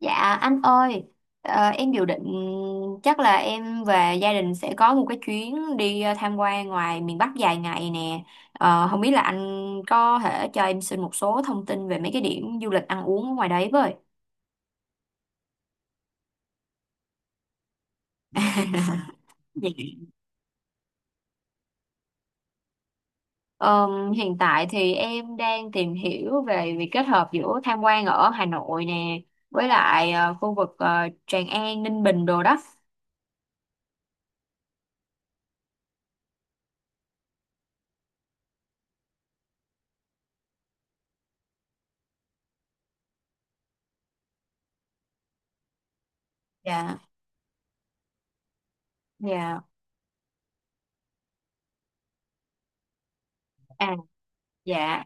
Dạ anh ơi, em dự định chắc là em và gia đình sẽ có một cái chuyến đi tham quan ngoài miền Bắc dài ngày nè. Không biết là anh có thể cho em xin một số thông tin về mấy cái điểm du lịch ăn uống ở ngoài đấy với. Dạ. Hiện tại thì em đang tìm hiểu về việc kết hợp giữa tham quan ở Hà Nội nè với lại khu vực Tràng An, Ninh Bình đồ đó. Dạ, dạ, à, dạ,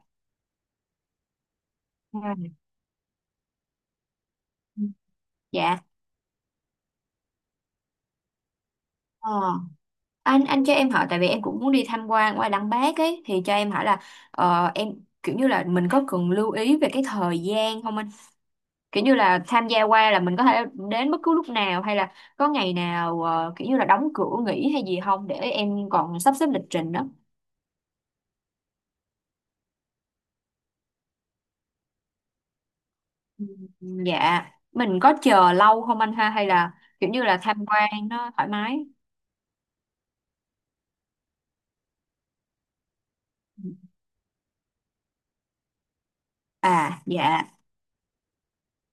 dạ. Dạ. Ờ. anh cho em hỏi, tại vì em cũng muốn đi tham quan qua Lăng Bác ấy, thì cho em hỏi là em, kiểu như là mình có cần lưu ý về cái thời gian không anh, kiểu như là tham gia qua là mình có thể đến bất cứ lúc nào hay là có ngày nào kiểu như là đóng cửa nghỉ hay gì không, để em còn sắp xếp lịch trình đó? Ừ, dạ, mình có chờ lâu không anh ha, hay là kiểu như là tham quan nó thoải mái? À dạ.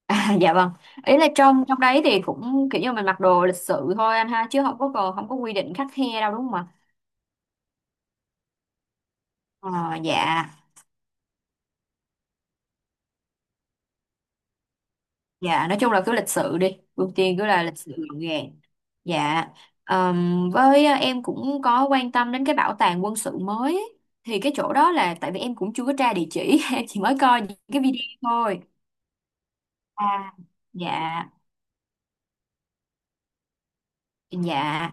À, dạ vâng, ý là trong trong đấy thì cũng kiểu như mình mặc đồ lịch sự thôi anh ha, chứ không có, còn không có quy định khắt khe đâu, đúng không ạ? Ờ, dạ dạ, nói chung là cứ lịch sự đi, ưu tiên cứ là lịch sự gọn gàng. Dạ. Với em cũng có quan tâm đến cái bảo tàng quân sự mới ấy. Thì cái chỗ đó là tại vì em cũng chưa có tra địa chỉ em chỉ mới coi những cái video thôi. À dạ dạ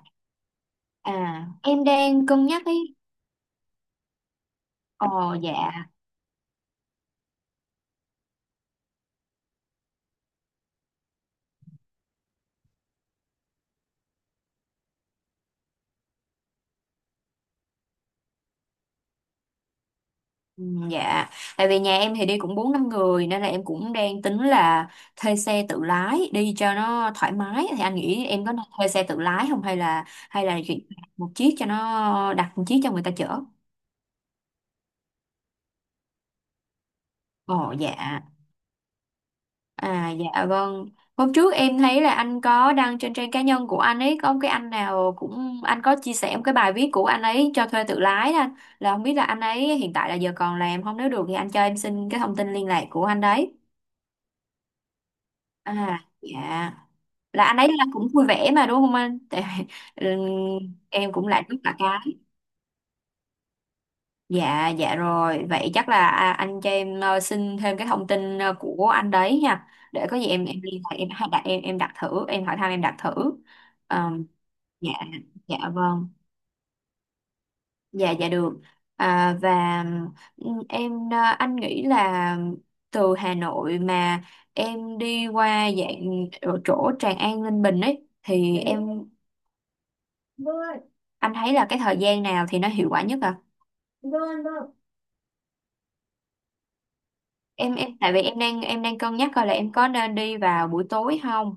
à, em đang cân nhắc ấy. Ờ dạ. Ừ, dạ, tại vì nhà em thì đi cũng bốn năm người nên là em cũng đang tính là thuê xe tự lái đi cho nó thoải mái. Thì anh nghĩ em có nên thuê xe tự lái không, hay là chuyển một chiếc, cho nó đặt một chiếc cho người ta chở? Ồ dạ. À dạ vâng. Hôm trước em thấy là anh có đăng trên trang cá nhân của anh ấy, có một cái anh nào cũng anh có chia sẻ một cái bài viết của anh ấy cho thuê tự lái đó anh. Là không biết là anh ấy hiện tại là giờ còn làm không, nếu được thì anh cho em xin cái thông tin liên lạc của anh đấy. À dạ. Là anh ấy là cũng vui vẻ mà, đúng không anh, tại ừ, em cũng lại rất là cái. Dạ dạ rồi, vậy chắc là anh cho em xin thêm cái thông tin của anh đấy nha, để có gì em liên hệ, em hay đặt, em đặt thử, em hỏi thăm, em đặt thử. Ờ, dạ dạ vâng, dạ dạ được. À, và em, anh nghĩ là từ Hà Nội mà em đi qua dạng ở chỗ Tràng An Ninh Bình ấy thì em. Vâng, anh thấy là cái thời gian nào thì nó hiệu quả nhất à? Vâng, vâng. Em tại vì em đang cân nhắc coi là em có nên đi vào buổi tối không?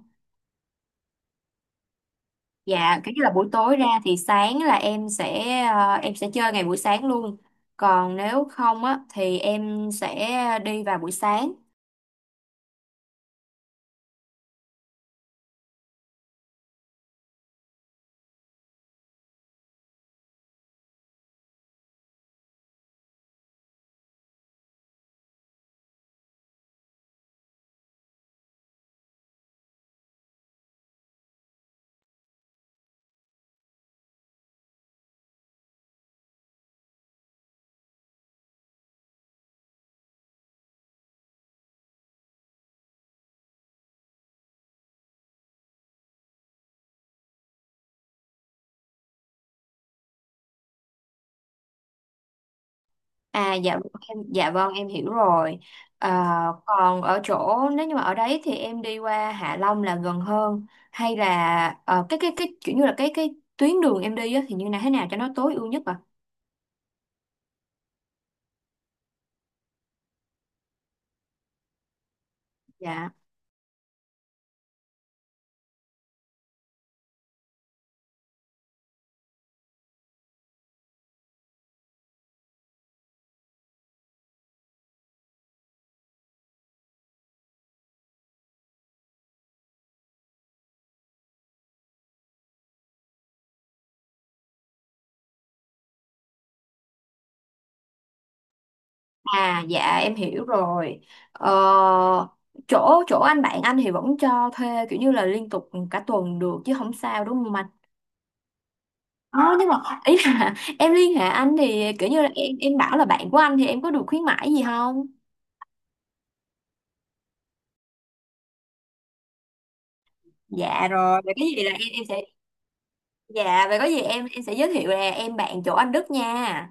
Dạ, cái là buổi tối ra thì sáng là em sẽ chơi ngày buổi sáng luôn. Còn nếu không á thì em sẽ đi vào buổi sáng. À dạ em, dạ vâng, em hiểu rồi. À, còn ở chỗ nếu như mà ở đấy thì em đi qua Hạ Long là gần hơn, hay là cái kiểu như là cái tuyến đường em đi á, thì như là thế nào cho nó tối ưu nhất à? Dạ. À dạ em hiểu rồi. Ờ, chỗ chỗ anh bạn anh thì vẫn cho thuê kiểu như là liên tục cả tuần được, chứ không sao, đúng không anh? Ờ, nhưng mà ý là em liên hệ anh thì kiểu như là em bảo là bạn của anh thì em có được khuyến mãi gì không? Dạ rồi, vậy cái gì là em sẽ. Dạ, vậy có gì em sẽ giới thiệu là em bạn chỗ anh Đức nha.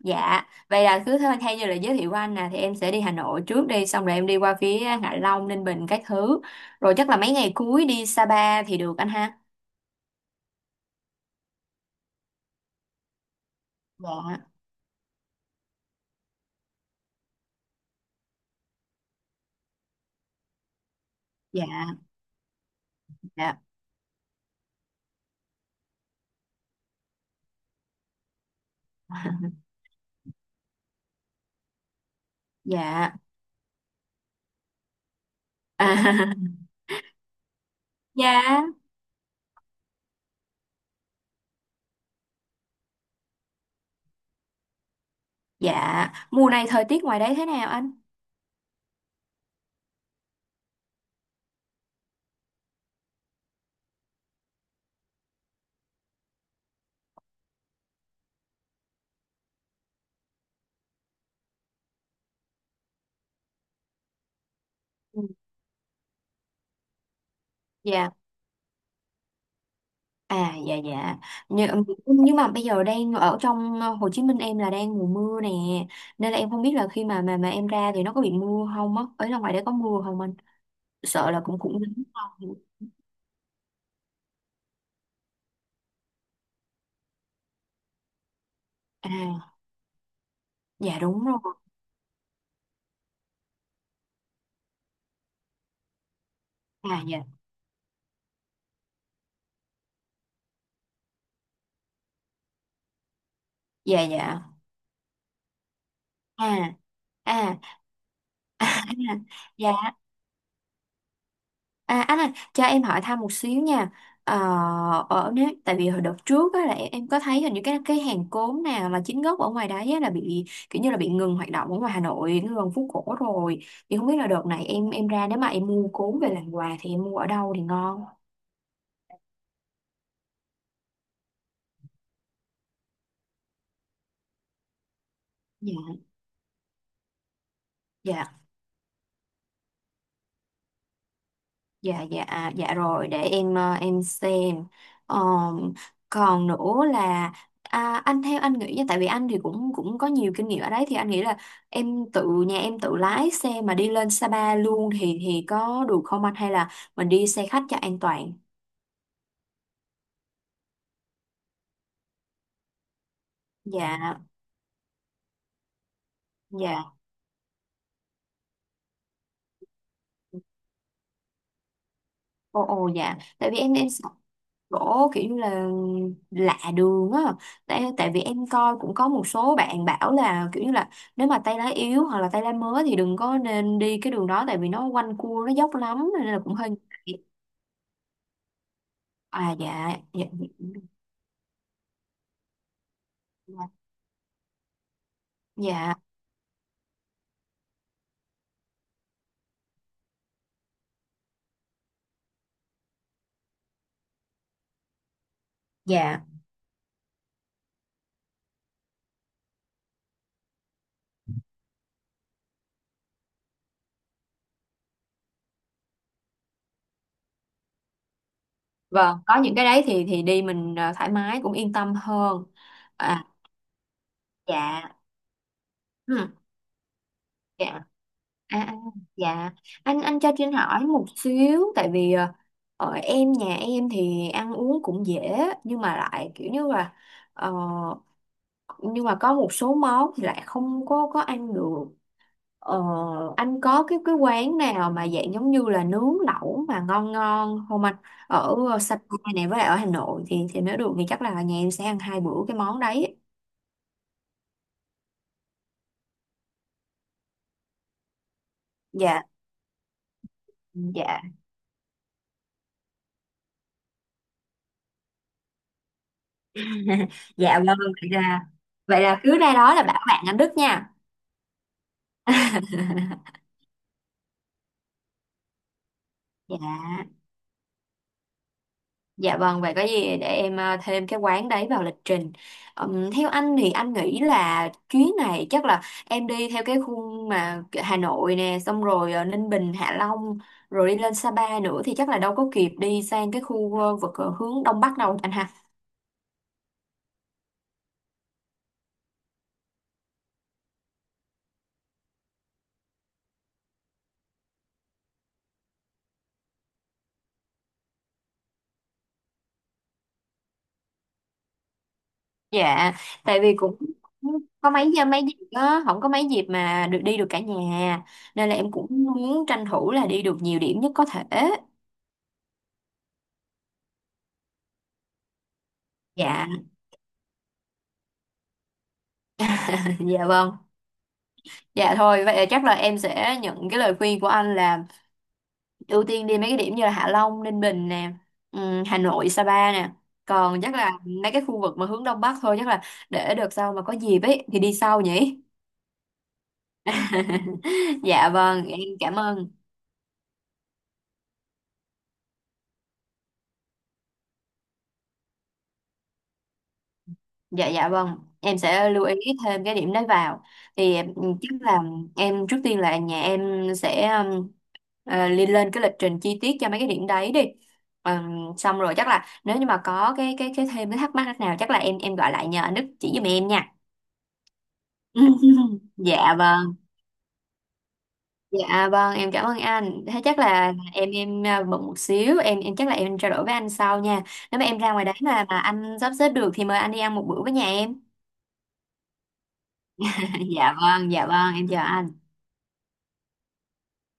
Dạ, vậy là cứ thôi, thay như là giới thiệu của anh nè thì em sẽ đi Hà Nội trước, đi xong rồi em đi qua phía Hạ Long, Ninh Bình các thứ. Rồi chắc là mấy ngày cuối đi Sapa thì được anh ha. Dạ, dạ, dạ, dạ. À, dạ, dạ. Mùa này thời tiết ngoài đấy thế nào anh? Ừ, dạ. À dạ dạ, nhưng, nhưng mà bây giờ đang ở trong Hồ Chí Minh, em là đang mùa mưa nè. Nên là em không biết là khi mà em ra thì nó có bị mưa không á, ở ra ngoài đấy có mưa không anh? Sợ là cũng cũng nắng không. À dạ đúng rồi. À dạ dạ dạ. À à, dạ. À anh ơi, cho em hỏi thăm một xíu nha. Ờ, ở nếu tại vì hồi đợt trước á là em, có thấy hình như cái hàng cốm nào là chính gốc ở ngoài đấy á, là bị kiểu như là bị ngừng hoạt động ở ngoài Hà Nội, nó gần phố cổ rồi. Thì không biết là đợt này em ra, nếu mà em mua cốm về làm quà thì em mua ở đâu thì ngon? Dạ. Dạ. Dạ dạ à, dạ rồi để em xem. Ờ, còn nữa là, anh, theo anh nghĩ nha, tại vì anh thì cũng cũng có nhiều kinh nghiệm ở đấy thì anh nghĩ là em tự, nhà em tự lái xe mà đi lên Sapa luôn thì có được không anh, hay là mình đi xe khách cho an toàn? Dạ dạ. Ồ, ồ dạ, tại vì em sợ chỗ kiểu như là lạ đường á, tại vì em coi cũng có một số bạn bảo là kiểu như là nếu mà tay lá yếu hoặc là tay lá mới thì đừng có nên đi cái đường đó, tại vì nó quanh cua nó dốc lắm nên là cũng hơi ngại. À dạ dạ dạ. Dạ vâng, có những cái đấy thì đi mình thoải mái, cũng yên tâm hơn. À dạ ừ, dạ. À, à, dạ, anh cho Trinh hỏi một xíu, tại vì ở em, nhà em thì ăn uống cũng dễ, nhưng mà lại kiểu như là ờ, nhưng mà có một số món thì lại không có ăn được. Ờ, anh có cái quán nào mà dạng giống như là nướng lẩu mà ngon ngon không anh, ở Sapa này với lại ở Hà Nội thì nếu được thì chắc là nhà em sẽ ăn hai bữa cái món đấy. Dạ dạ. Dạ vâng, vậy là cứ ra đó là bảo bạn anh Đức nha. Dạ, dạ vâng, vậy có gì để em thêm cái quán đấy vào lịch trình. Theo anh thì anh nghĩ là chuyến này chắc là em đi theo cái khung mà Hà Nội nè, xong rồi Ninh Bình, Hạ Long, rồi đi lên Sapa nữa thì chắc là đâu có kịp đi sang cái khu vực hướng Đông Bắc đâu anh ha. Dạ, tại vì cũng có mấy mấy dịp đó, không có mấy dịp mà được đi được cả nhà, nên là em cũng muốn tranh thủ là đi được nhiều điểm nhất có thể. Dạ, dạ vâng. Dạ thôi, vậy là chắc là em sẽ nhận cái lời khuyên của anh là ưu tiên đi mấy cái điểm như là Hạ Long, Ninh Bình nè, Hà Nội, Sapa nè. Còn chắc là mấy cái khu vực mà hướng Đông Bắc thôi, chắc là để đợt sau mà có dịp ấy thì đi sau nhỉ. Dạ vâng, em cảm ơn. Dạ dạ vâng, em sẽ lưu ý thêm cái điểm đấy vào. Thì chắc là em trước tiên là nhà em sẽ lên lên cái lịch trình chi tiết cho mấy cái điểm đấy đi. Xong rồi chắc là nếu như mà có cái thêm cái thắc mắc nào chắc là em gọi lại nhờ anh Đức chỉ giùm em nha. Dạ vâng, dạ vâng, em cảm ơn anh. Thế chắc là em bận một xíu, em chắc là em trao đổi với anh sau nha. Nếu mà em ra ngoài đấy mà anh sắp xếp được thì mời anh đi ăn một bữa với nhà em. Dạ vâng, dạ vâng, em chờ anh.